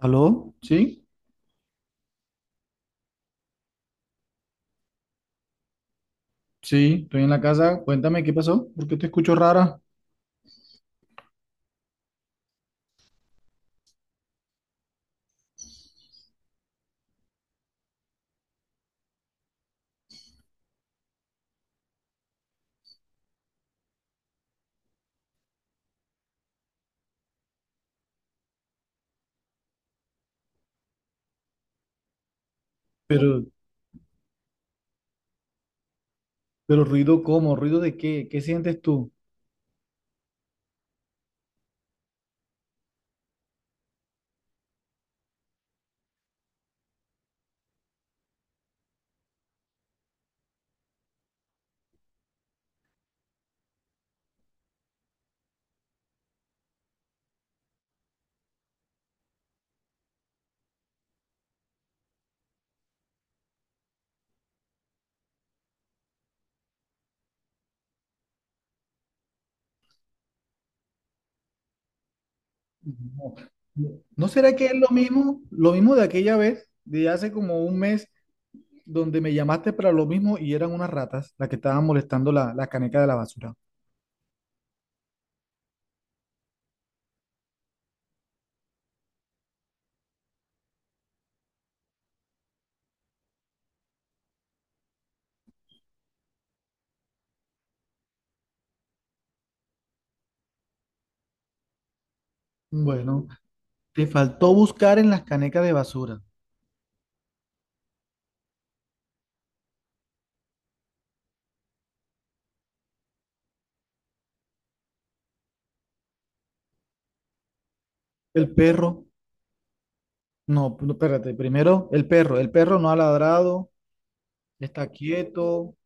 ¿Aló? Sí, sí, estoy en la casa. Cuéntame qué pasó, porque te escucho rara, pero, pero ruido cómo, ruido de qué, ¿qué sientes tú? No, ¿no será que es lo mismo de aquella vez, de hace como un mes, donde me llamaste para lo mismo y eran unas ratas las que estaban molestando la caneca de la basura? Bueno, te faltó buscar en las canecas de basura. El perro, no, no, espérate, primero el perro no ha ladrado, está quieto.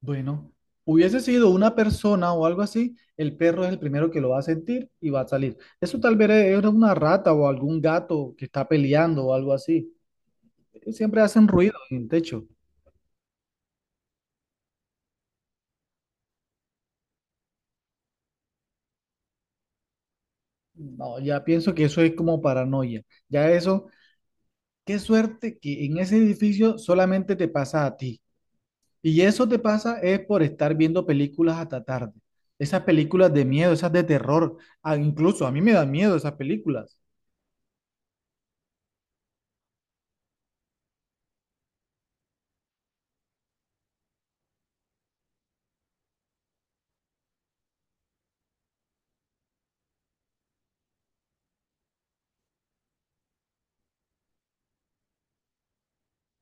Bueno, hubiese sido una persona o algo así, el perro es el primero que lo va a sentir y va a salir. Eso tal vez era una rata o algún gato que está peleando o algo así. Siempre hacen ruido en el techo. No, ya pienso que eso es como paranoia. Ya eso, qué suerte que en ese edificio solamente te pasa a ti. Y eso te pasa es por estar viendo películas hasta tarde. Esas películas de miedo, esas de terror. Ah, incluso a mí me dan miedo esas películas.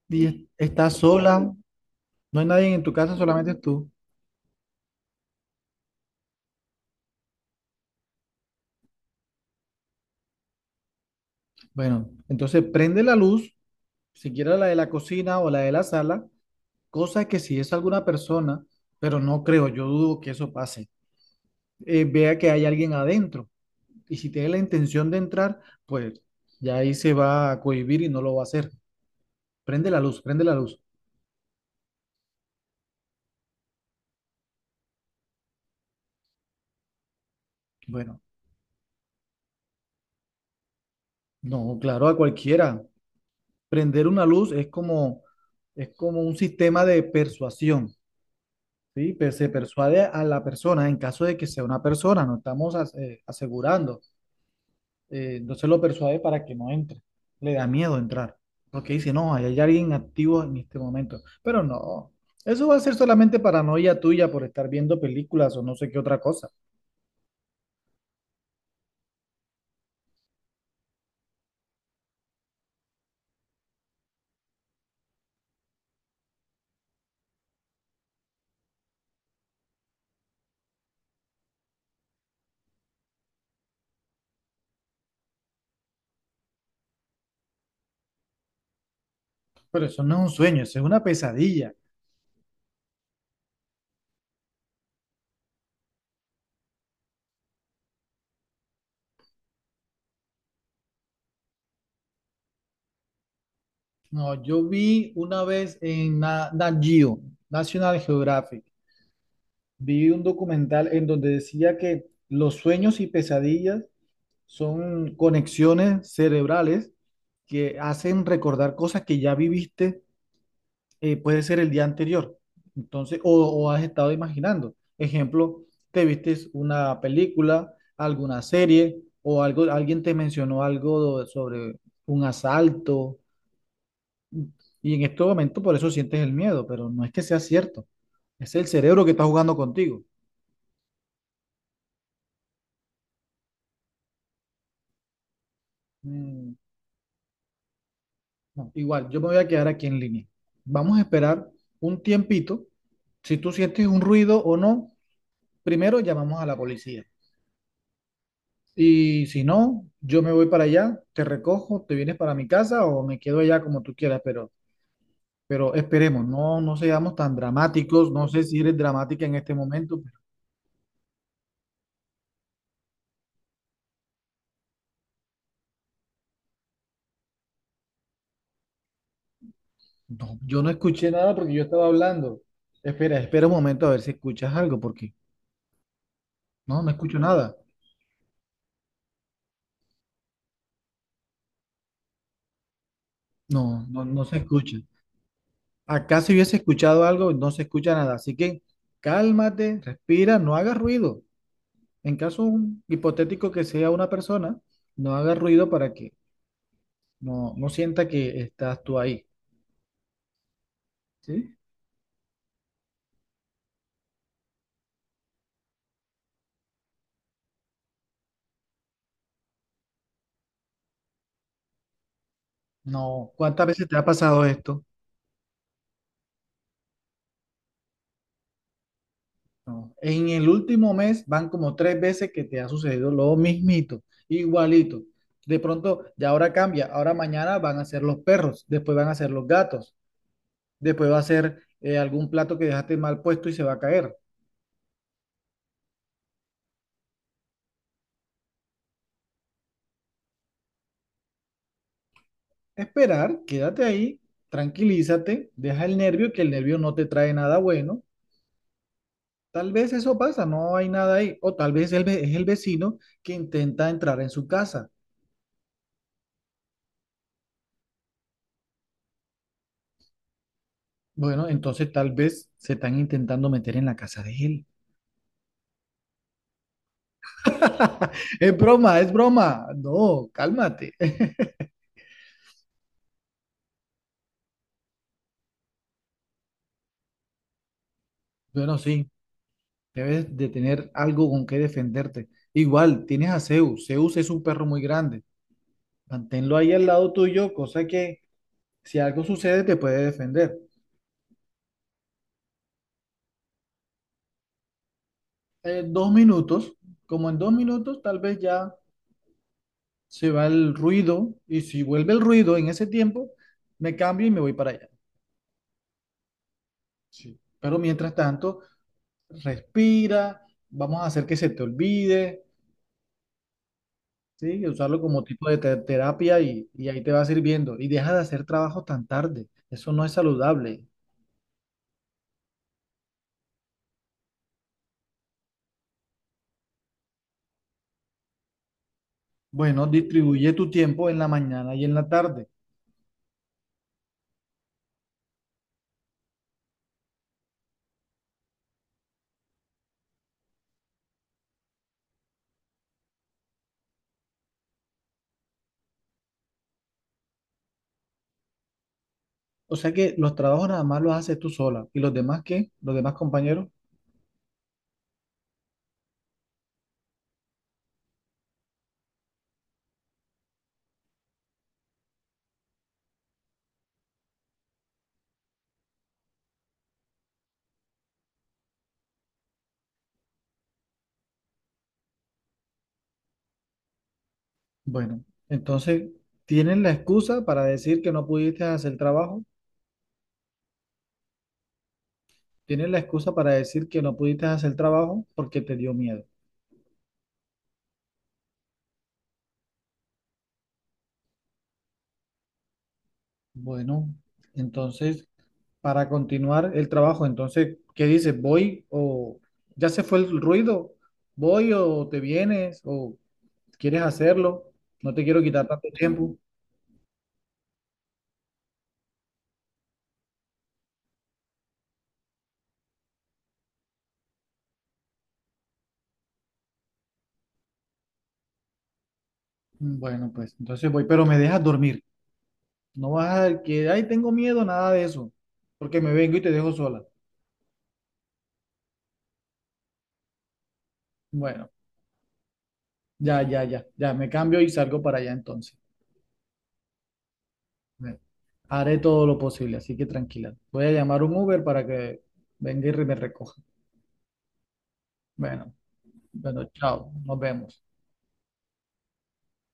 Estás sola. No hay nadie en tu casa, solamente tú. Bueno, entonces prende la luz, siquiera la de la cocina o la de la sala, cosa que si es alguna persona, pero no creo, yo dudo que eso pase, vea que hay alguien adentro. Y si tiene la intención de entrar, pues ya ahí se va a cohibir y no lo va a hacer. Prende la luz, prende la luz. Bueno, no, claro, a cualquiera. Prender una luz es como un sistema de persuasión. Sí, pues se persuade a la persona en caso de que sea una persona, no estamos asegurando. Entonces lo persuade para que no entre. Le da miedo entrar, porque dice, no, ahí hay alguien activo en este momento. Pero no, eso va a ser solamente paranoia tuya por estar viendo películas o no sé qué otra cosa. Pero eso no es un sueño, eso es una pesadilla. No, yo vi una vez en Nat Geo, National Geographic, vi un documental en donde decía que los sueños y pesadillas son conexiones cerebrales que hacen recordar cosas que ya viviste, puede ser el día anterior, entonces, o has estado imaginando. Ejemplo, te vistes una película, alguna serie, o algo, alguien te mencionó algo sobre un asalto, y en este momento por eso sientes el miedo, pero no es que sea cierto, es el cerebro que está jugando contigo. Mm. No, igual, yo me voy a quedar aquí en línea. Vamos a esperar un tiempito. Si tú sientes un ruido o no, primero llamamos a la policía. Y si no, yo me voy para allá, te recojo, te vienes para mi casa o me quedo allá como tú quieras, pero esperemos, no, no seamos tan dramáticos. No sé si eres dramática en este momento, pero no, yo no escuché nada porque yo estaba hablando. Espera, espera un momento a ver si escuchas algo, porque no, no escucho nada. No, no, no se escucha. Acá si hubiese escuchado algo, no se escucha nada. Así que cálmate, respira, no hagas ruido. En caso un hipotético que sea una persona, no hagas ruido para que no, no sienta que estás tú ahí, ¿sí? No, ¿cuántas veces te ha pasado esto? No. En el último mes van como tres veces que te ha sucedido lo mismito, igualito. De pronto, ya ahora cambia, ahora mañana van a ser los perros, después van a ser los gatos, después va a ser algún plato que dejaste mal puesto y se va a caer. Esperar, quédate ahí, tranquilízate, deja el nervio, que el nervio no te trae nada bueno. Tal vez eso pasa, no hay nada ahí. O tal vez el es el vecino que intenta entrar en su casa. Bueno, entonces tal vez se están intentando meter en la casa de él. Es broma, es broma. No, cálmate. Bueno, sí, debes de tener algo con que defenderte. Igual, tienes a Zeus. Zeus es un perro muy grande. Manténlo ahí al lado tuyo, cosa que si algo sucede te puede defender. Eh, dos minutos, como en dos minutos tal vez ya se va el ruido y si vuelve el ruido en ese tiempo, me cambio y me voy para allá. Sí. Pero mientras tanto, respira, vamos a hacer que se te olvide, ¿sí? Y usarlo como tipo de terapia y ahí te va sirviendo. Y deja de hacer trabajo tan tarde, eso no es saludable. Bueno, distribuye tu tiempo en la mañana y en la tarde. O sea que los trabajos nada más los haces tú sola. ¿Y los demás qué? ¿Los demás compañeros? Bueno, entonces, ¿tienes la excusa para decir que no pudiste hacer el trabajo? ¿Tienes la excusa para decir que no pudiste hacer el trabajo porque te dio miedo? Bueno, entonces, para continuar el trabajo, entonces, ¿qué dices? ¿Voy o ya se fue el ruido? ¿Voy o te vienes o quieres hacerlo? No te quiero quitar tanto tiempo. Bueno, pues entonces voy, pero me dejas dormir. No vas a que, ay, tengo miedo, nada de eso, porque me vengo y te dejo sola. Bueno. Ya, ya, ya, ya, me cambio y salgo para allá entonces. Me- Haré todo lo posible, así que tranquila. Voy a llamar un Uber para que venga y me recoja. Bueno, bueno, chao, nos vemos.